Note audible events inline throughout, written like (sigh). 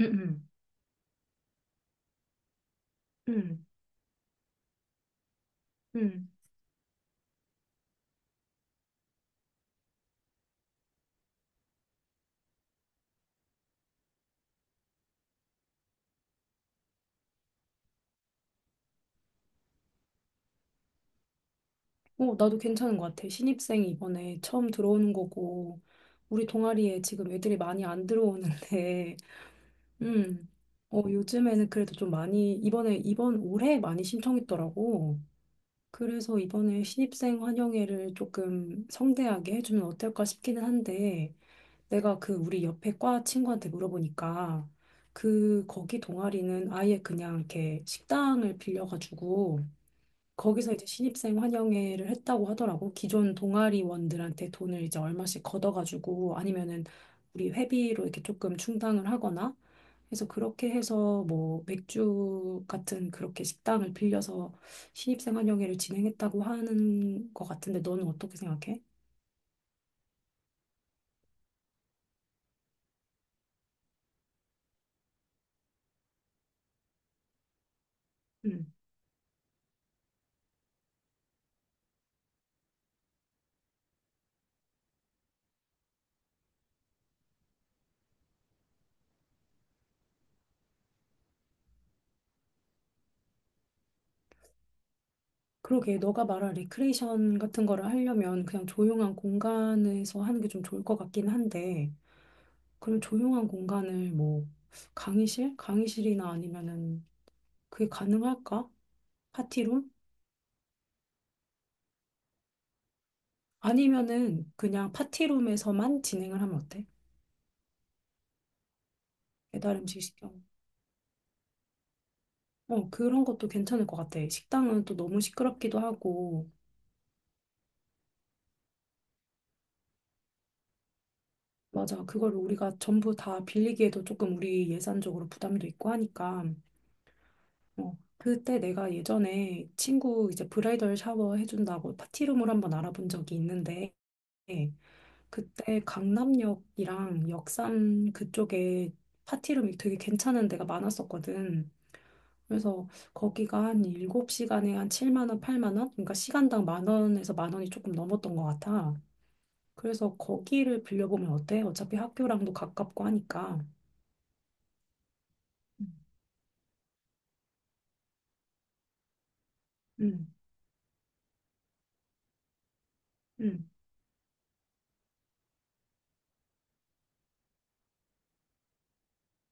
응, 응, 응. 응. 어, 나도 괜찮은 것 같아. 신입생이 이번에 처음 들어오는 거고, 우리 동아리에 지금 애들이 많이 안 들어오는데, (laughs) 음, 어, 요즘에는 그래도 좀 많이, 이번 올해 많이 신청했더라고. 그래서 이번에 신입생 환영회를 조금 성대하게 해주면 어떨까 싶기는 한데, 내가 그 우리 옆에 과 친구한테 물어보니까, 그, 거기 동아리는 아예 그냥 이렇게 식당을 빌려가지고, 거기서 이제 신입생 환영회를 했다고 하더라고. 기존 동아리원들한테 돈을 이제 얼마씩 걷어가지고 아니면은 우리 회비로 이렇게 조금 충당을 하거나 그래서 그렇게 해서 뭐 맥주 같은 그렇게 식당을 빌려서 신입생 환영회를 진행했다고 하는 것 같은데 너는 어떻게 생각해? 음. 그러게 너가 말한 리크레이션 같은 거를 하려면 그냥 조용한 공간에서 하는 게 좀 좋을 것 같긴 한데 그런 조용한 공간을 뭐 강의실? 강의실이나 아니면은 그게 가능할까? 파티룸? 아니면은 그냥 파티룸에서만 진행을 하면 어때? 배달 음식 시켜. 어, 그런 것도 괜찮을 것 같아. 식당은 또 너무 시끄럽기도 하고. 맞아. 그걸 우리가 전부 다 빌리기에도 조금 우리 예산적으로 부담도 있고 하니까. 어, 그때 내가 예전에 친구 이제 브라이덜 샤워 해준다고 파티룸을 한번 알아본 적이 있는데 그때 강남역이랑 역삼 그쪽에 파티룸이 되게 괜찮은 데가 많았었거든. 그래서 거기가 한 7시간에 한 7만 원, 8만 원? 그러니까 시간당 만 원에서 만 원이 조금 넘었던 것 같아. 그래서 거기를 빌려보면 어때? 어차피 학교랑도 가깝고 하니까. 응, 응,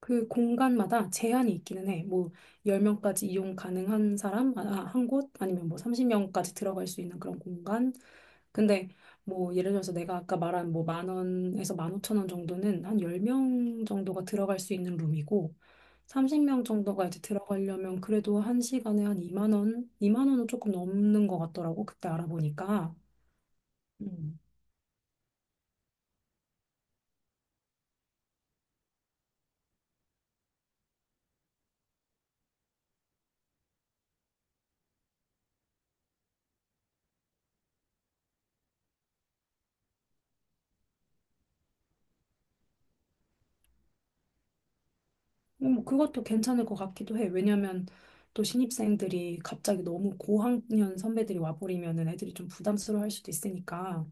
그 공간마다 제한이 있기는 해. 뭐 10명까지 이용 가능한 사람 한 곳, 아니면 뭐 30명까지 들어갈 수 있는 그런 공간. 근데 뭐 예를 들어서 내가 아까 말한 뭐 만 원에서 만 오천 원 정도는 한 10명 정도가 들어갈 수 있는 룸이고 30명 정도가 이제 들어가려면 그래도 한 시간에 한 2만 원, 2만 원은 조금 넘는 것 같더라고. 그때 알아보니까. 음. 그것도 괜찮을 것 같기도 해. 왜냐면 또 신입생들이 갑자기 너무 고학년 선배들이 와버리면은 애들이 좀 부담스러워 할 수도 있으니까.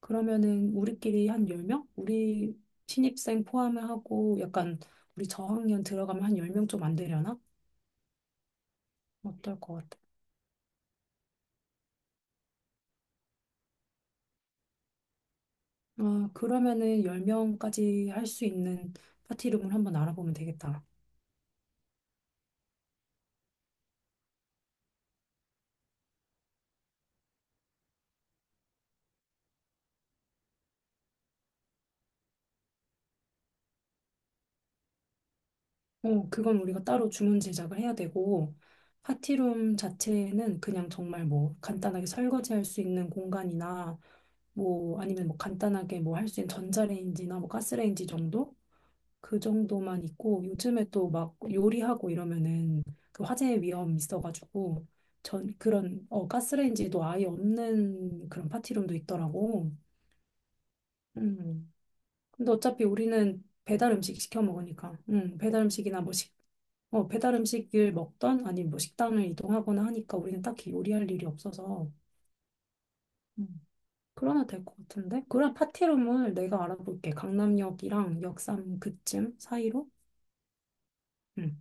그러면은 우리끼리 한 10명? 우리 신입생 포함을 하고 약간 우리 저학년 들어가면 한 10명 좀 안 되려나? 어떨 것 같아. 아, 그러면은 10명까지 할 수 있는 파티룸을 한번 알아보면 되겠다. 어, 그건 우리가 따로 주문 제작을 해야 되고, 파티룸 자체는 그냥 정말 뭐 간단하게 설거지 할 수 있는 공간이나 뭐 아니면 뭐 간단하게 뭐 할 수 있는 전자레인지나 뭐 가스레인지 정도? 그 정도만 있고 요즘에 또 막 요리하고 이러면은 그 화재 위험 있어가지고 전 그런 어 가스레인지도 아예 없는 그런 파티룸도 있더라고. 음. 근데 어차피 우리는 배달 음식 시켜 먹으니까. 배달 음식이나 뭐 어, 배달 음식을 먹던 아니면 뭐 식당을 이동하거나 하니까 우리는 딱히 요리할 일이 없어서 음. 그러면 될 것 같은데? 그럼 파티룸을 내가 알아볼게. 강남역이랑 역삼 그쯤 사이로? 응,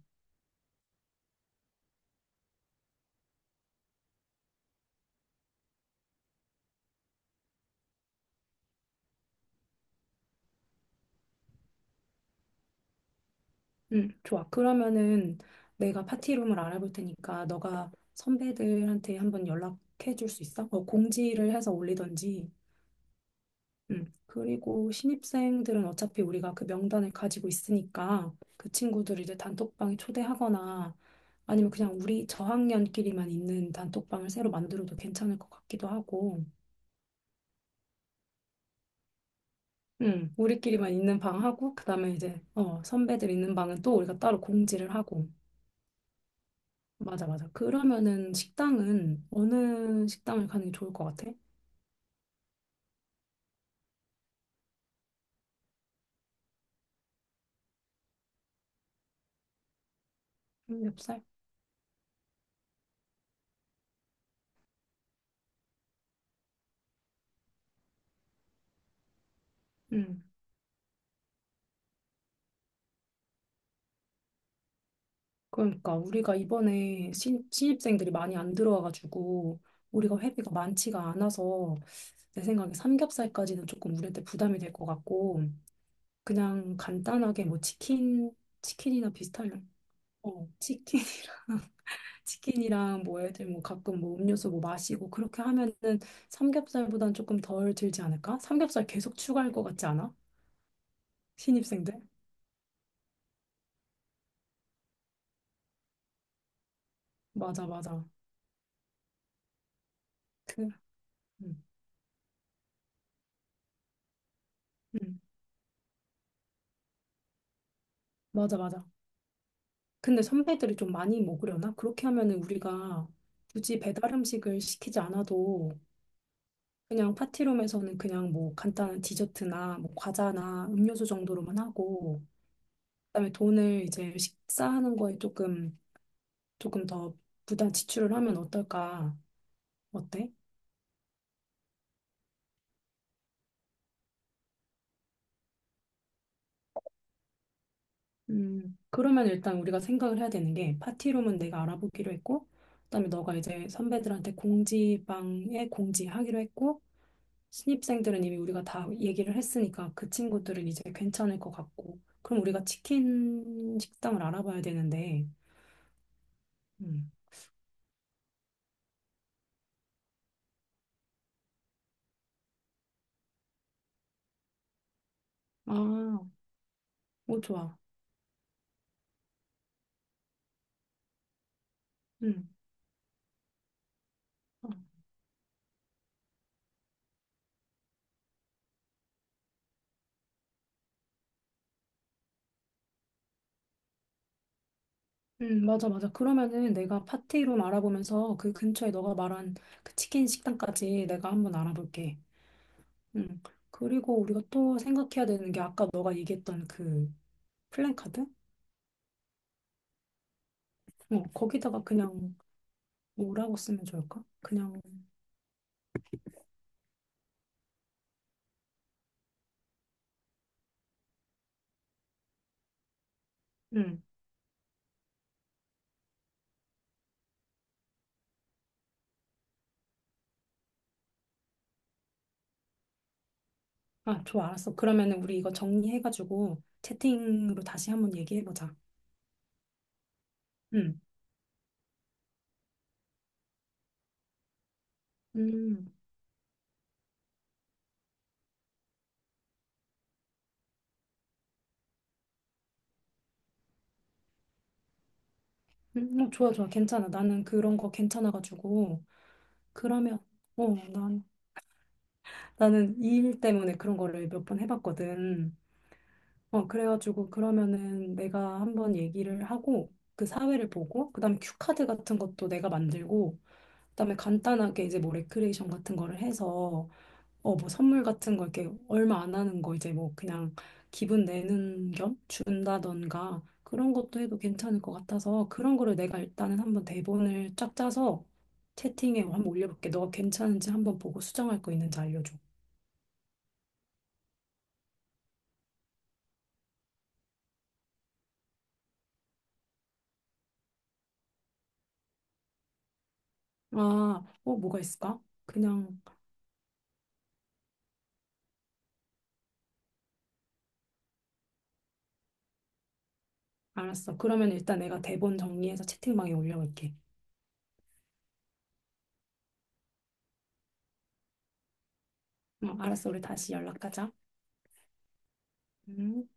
응, 좋아. 그러면은 내가 파티룸을 알아볼 테니까 너가 선배들한테 한번 연락해 줄 수 있어? 뭐 공지를 해서 올리던지 그리고 신입생들은 어차피 우리가 그 명단을 가지고 있으니까 그 친구들을 이제 단톡방에 초대하거나 아니면 그냥 우리 저학년끼리만 있는 단톡방을 새로 만들어도 괜찮을 것 같기도 하고, 우리끼리만 있는 방하고, 그다음에 이제, 어, 선배들 있는 방은 또 우리가 따로 공지를 하고. 맞아, 맞아. 그러면은 식당은 어느 식당을 가는 게 좋을 것 같아? 삼겹살? 그러니까 우리가 이번에 신입생들이 많이 안 들어와가지고 우리가 회비가 많지가 않아서 내 생각에 삼겹살까지는 조금 우리한테 부담이 될 것 같고 그냥 간단하게 뭐 치킨 치킨이나 비슷한 어 치킨 (laughs) 치킨이랑 뭐 애들 뭐 가끔 뭐 음료수 뭐 마시고 그렇게 하면은 삼겹살보단 조금 덜 들지 않을까? 삼겹살 계속 추가할 것 같지 않아? 신입생들? 맞아 맞아 그 음, 음, 맞아 맞아 근데 선배들이 좀 많이 먹으려나? 그렇게 하면은 우리가 굳이 배달 음식을 시키지 않아도 그냥 파티룸에서는 그냥 뭐 간단한 디저트나 뭐 과자나 음료수 정도로만 하고 그다음에 돈을 이제 식사하는 거에 조금 더 부담 지출을 하면 어떨까? 어때? 그러면 일단 우리가 생각을 해야 되는 게 파티룸은 내가 알아보기로 했고 그다음에 너가 이제 선배들한테 공지방에 공지하기로 했고 신입생들은 이미 우리가 다 얘기를 했으니까 그 친구들은 이제 괜찮을 것 같고. 그럼 우리가 치킨 식당을 알아봐야 되는데. 음. 아, 오, 좋아. 음. 어. 맞아, 맞아. 그러면은 내가 파티룸 알아보면서 그 근처에 너가 말한 그 치킨 식당까지 내가 한번 알아볼게. 음. 그리고 우리가 또 생각해야 되는 게 아까 너가 얘기했던 그 플랜카드? 어, 거기다가 그냥 뭐라고 쓰면 좋을까? 그냥 아, 좋아, 알았어. 그러면은 우리 이거 정리해가지고 채팅으로 다시 한번 얘기해보자. 응. 음, 어, 좋아, 좋아. 괜찮아. 나는 그런 거 괜찮아가지고. 그러면, 어, 난, 나는 이 일 때문에 그런 거를 몇 번 해봤거든. 어, 그래가지고 그러면은 내가 한번 얘기를 하고, 그 사회를 보고, 그다음에 큐카드 같은 것도 내가 만들고, 그다음에 간단하게 이제 뭐 레크레이션 같은 거를 해서 어, 뭐 선물 같은 거 이렇게 얼마 안 하는 거 이제 뭐 그냥 기분 내는 겸 준다던가 그런 것도 해도 괜찮을 것 같아서 그런 거를 내가 일단은 한번 대본을 쫙 짜서 채팅에 한번 올려볼게. 너가 괜찮은지 한번 보고 수정할 거 있는지 알려줘. 아, 어, 뭐가 있을까? 그냥 알았어. 그러면 일단 내가 대본 정리해서 채팅방에 올려볼게. 어, 알았어. 우리 다시 연락하자. 음.